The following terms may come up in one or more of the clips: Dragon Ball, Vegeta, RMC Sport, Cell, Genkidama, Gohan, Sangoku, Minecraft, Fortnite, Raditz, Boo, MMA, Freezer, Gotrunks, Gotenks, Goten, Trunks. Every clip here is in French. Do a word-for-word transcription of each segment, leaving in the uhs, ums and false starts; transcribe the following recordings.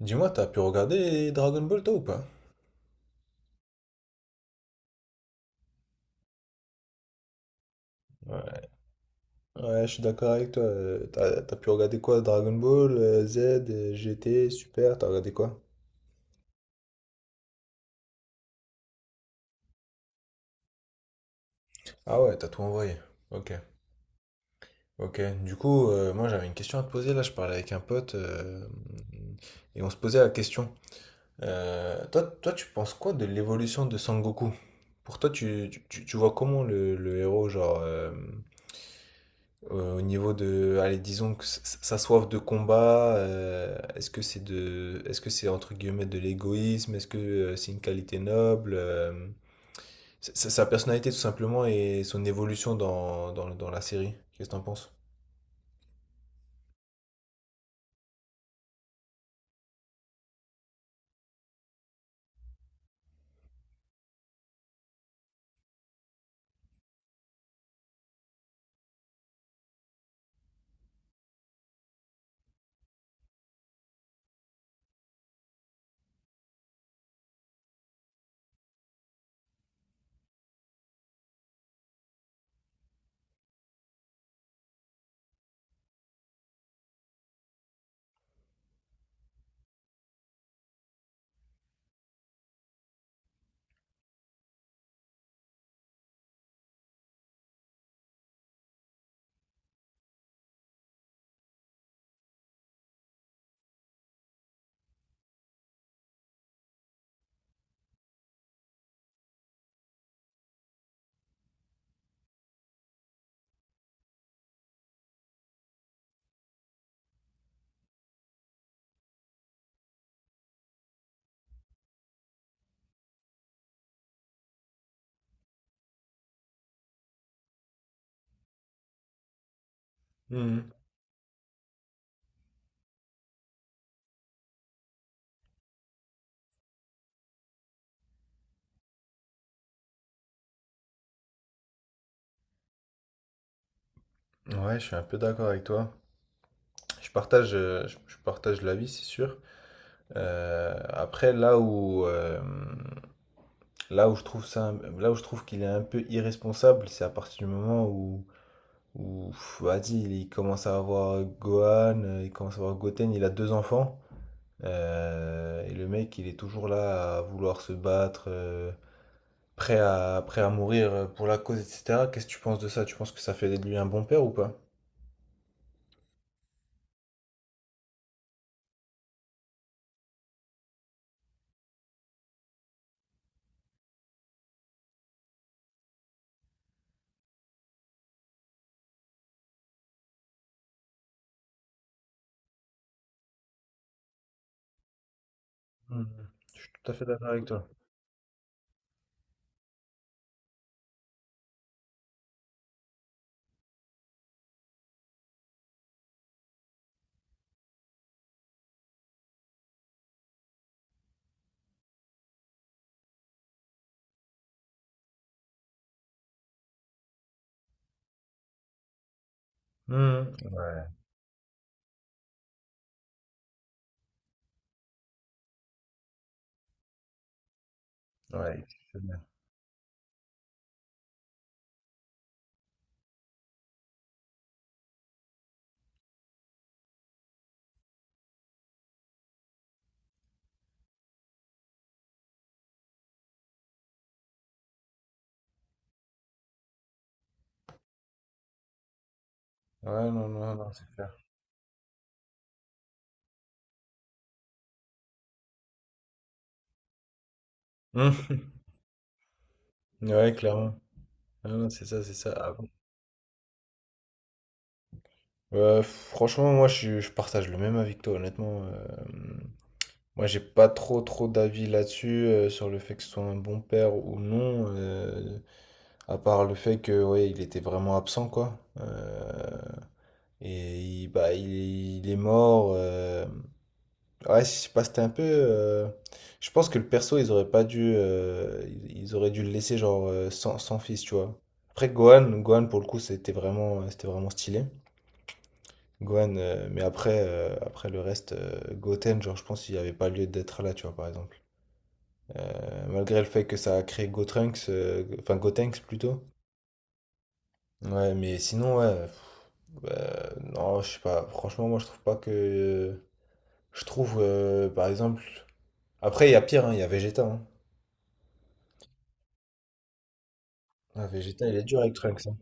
Dis-moi, t'as pu regarder Dragon Ball toi ou pas? Ouais. Ouais, je suis d'accord avec toi. euh, T'as, t'as pu regarder quoi? Dragon Ball, euh, Z, euh, G T, Super, t'as regardé quoi? Ah ouais, t'as tout envoyé. Ok. Ok. Du coup, euh, moi j'avais une question à te poser là, je parlais avec un pote euh, et on se posait la question. Euh, toi, toi, tu penses quoi de l'évolution de Sangoku? Pour toi, tu, tu, tu tu vois comment le, le héros, genre. euh, Euh, Au niveau de, allez, disons que s- s- sa soif de combat, euh, est-ce que c'est de, est-ce que c'est entre guillemets de l'égoïsme? Est-ce que euh, c'est une qualité noble? Euh, sa, sa- sa personnalité tout simplement et son évolution dans, dans, dans la série. Qu'est-ce que t'en penses? Mhm. Ouais, je suis un peu d'accord avec toi. Je partage, euh, je, je partage l'avis, c'est sûr. Euh, après, là où, euh, là où je trouve ça, là où je trouve qu'il est un peu irresponsable, c'est à partir du moment où Ouf, vas-y, il commence à avoir euh, Gohan, euh, il commence à avoir Goten, il a deux enfants. Euh, et le mec, il est toujours là à vouloir se battre, euh, prêt à, prêt à mourir euh, pour la cause, et cetera. Qu'est-ce que tu penses de ça? Tu penses que ça fait de lui un bon père ou pas? Mhm. Je suis tout à fait d'accord avec toi. Mhm. Ouais, ouais, exceptionnel. Ouais, non, non, non, c'est clair. Mhm. Ouais, clairement. Non, non, c'est ça, c'est ça. Ah bon. Euh, franchement, moi, je, suis- je partage le même avis que toi, honnêtement. euh, Moi, j'ai pas trop trop d'avis là-dessus, euh, sur le fait que ce soit un bon père ou non, euh, à part le fait que ouais, il était vraiment absent quoi. Euh, et il, bah, il, il est mort. euh, Ouais, je sais pas, c'était un peu. euh, Je pense que le perso, ils auraient pas dû, euh, ils ils auraient dû le laisser genre euh, sans, sans fils, tu vois. Après Gohan, Gohan pour le coup, c'était vraiment, c'était vraiment stylé. Gohan, euh, mais après, euh, après le reste, euh, Goten, genre je pense qu'il n'y avait pas lieu d'être là, tu vois, par exemple. Euh, malgré le fait que ça a créé Gotrunks, euh, enfin Gotenks plutôt. Ouais, mais sinon, ouais, pff, bah, non, je sais pas. Franchement, moi, je trouve pas que. Je trouve, euh, par exemple. Après, il y a pire, hein, il y a Vegeta. Hein. Ah, Vegeta, il est dur avec Trunks. Hein.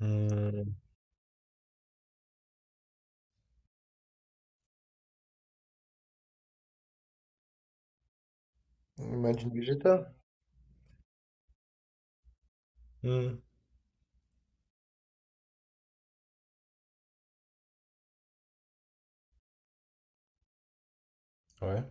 Hmm. Imagine Vegeta. Hmm. Ouais.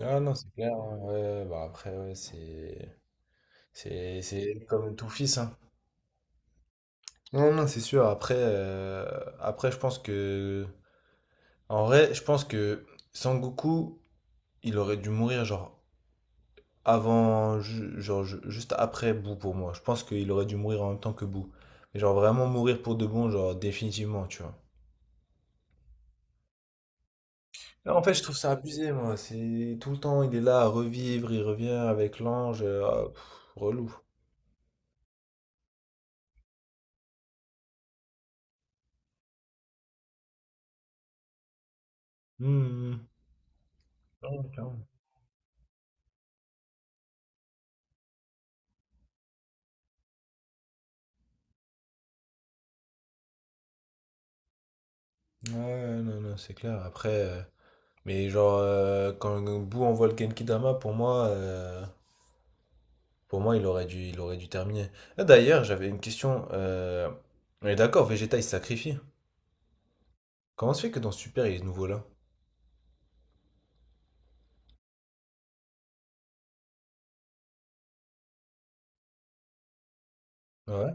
Ah non, c'est clair. Hein. Ouais, bah après, ouais, c'est. C'est c'est comme tout fils, hein. Non, non, c'est sûr. Après, euh, après, je pense que. En vrai, je pense que Sangoku. Il aurait dû mourir genre avant, ju- genre ju- juste après Boo pour moi. Je pense qu'il aurait dû mourir en même temps que Boo. Mais genre vraiment mourir pour de bon, genre définitivement, tu vois. En fait, je trouve ça abusé, moi. C'est tout le temps, il est là à revivre, il revient avec l'ange. Euh, ah, pff, relou. Hmm. Ouais, carrément. Ouais, non, non, c'est clair. Après, euh, mais genre, euh, quand Boo envoie le Genkidama, pour moi, euh, pour moi, il aurait dû, il aurait dû terminer. Ah, d'ailleurs, j'avais une question. Euh, on est d'accord, Vegeta, il se sacrifie. Comment se fait que dans Super, il est nouveau là? Ah ouais.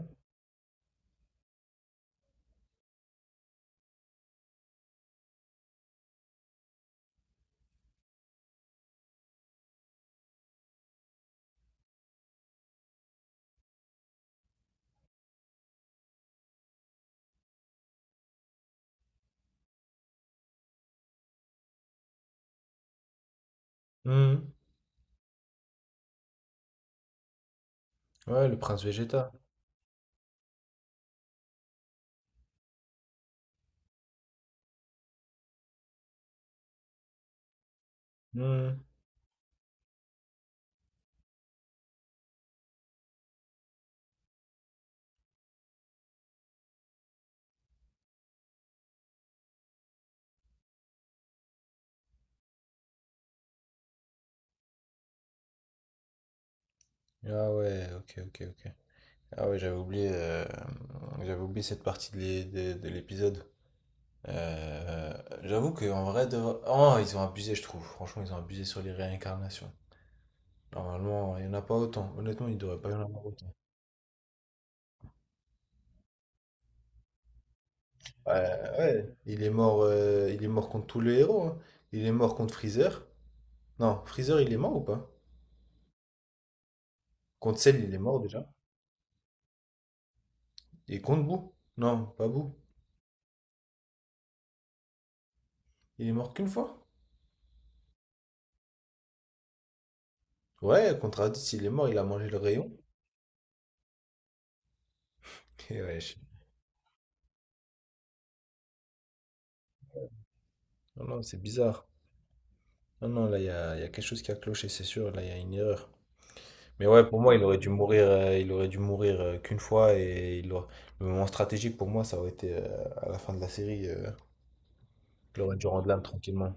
Mhm. Ouais, le prince Vegeta. Mhm. Ah ouais, ok, ok, ok. Ah ouais, j'avais oublié, euh, j'avais oublié cette partie de l'é- de- de l'épisode. Euh, j'avoue qu'en vrai, de... oh, ils ont abusé, je trouve. Franchement, ils ont abusé sur les réincarnations. Normalement, il n'y en a pas autant. Honnêtement, il devrait pas y en avoir autant. Ouais, ouais. Il est mort, euh, il est mort contre tous les héros. Hein. Il est mort contre Freezer. Non, Freezer, il est mort ou pas? Contre Cell, il est mort déjà. Et contre Boo. Non, pas Boo. Il est mort qu'une fois? Ouais, contre Raditz, il est mort, il a mangé le rayon. Et wesh. Non, non, c'est bizarre. Non, non, là, il y a, il y a quelque chose qui a cloché, c'est sûr. Là, il y a une erreur. Mais ouais, pour moi, il aurait dû mourir, euh, il aurait dû mourir euh, qu'une fois. Et il aurait- le moment stratégique, pour moi, ça aurait été euh, à la fin de la série. Euh, il aurait dû rendre l'âme tranquillement.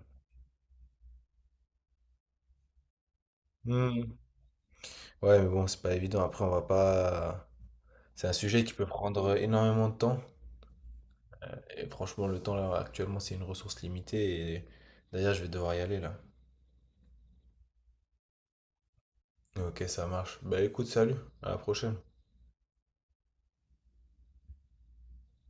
Hmm. Ouais, mais bon, c'est pas évident. Après, on va pas. C'est un sujet qui peut prendre énormément de temps. Et franchement, le temps, là, actuellement, c'est une ressource limitée. Et d'ailleurs, je vais devoir y aller, là. Ok, ça marche. Bah écoute, salut, à la prochaine.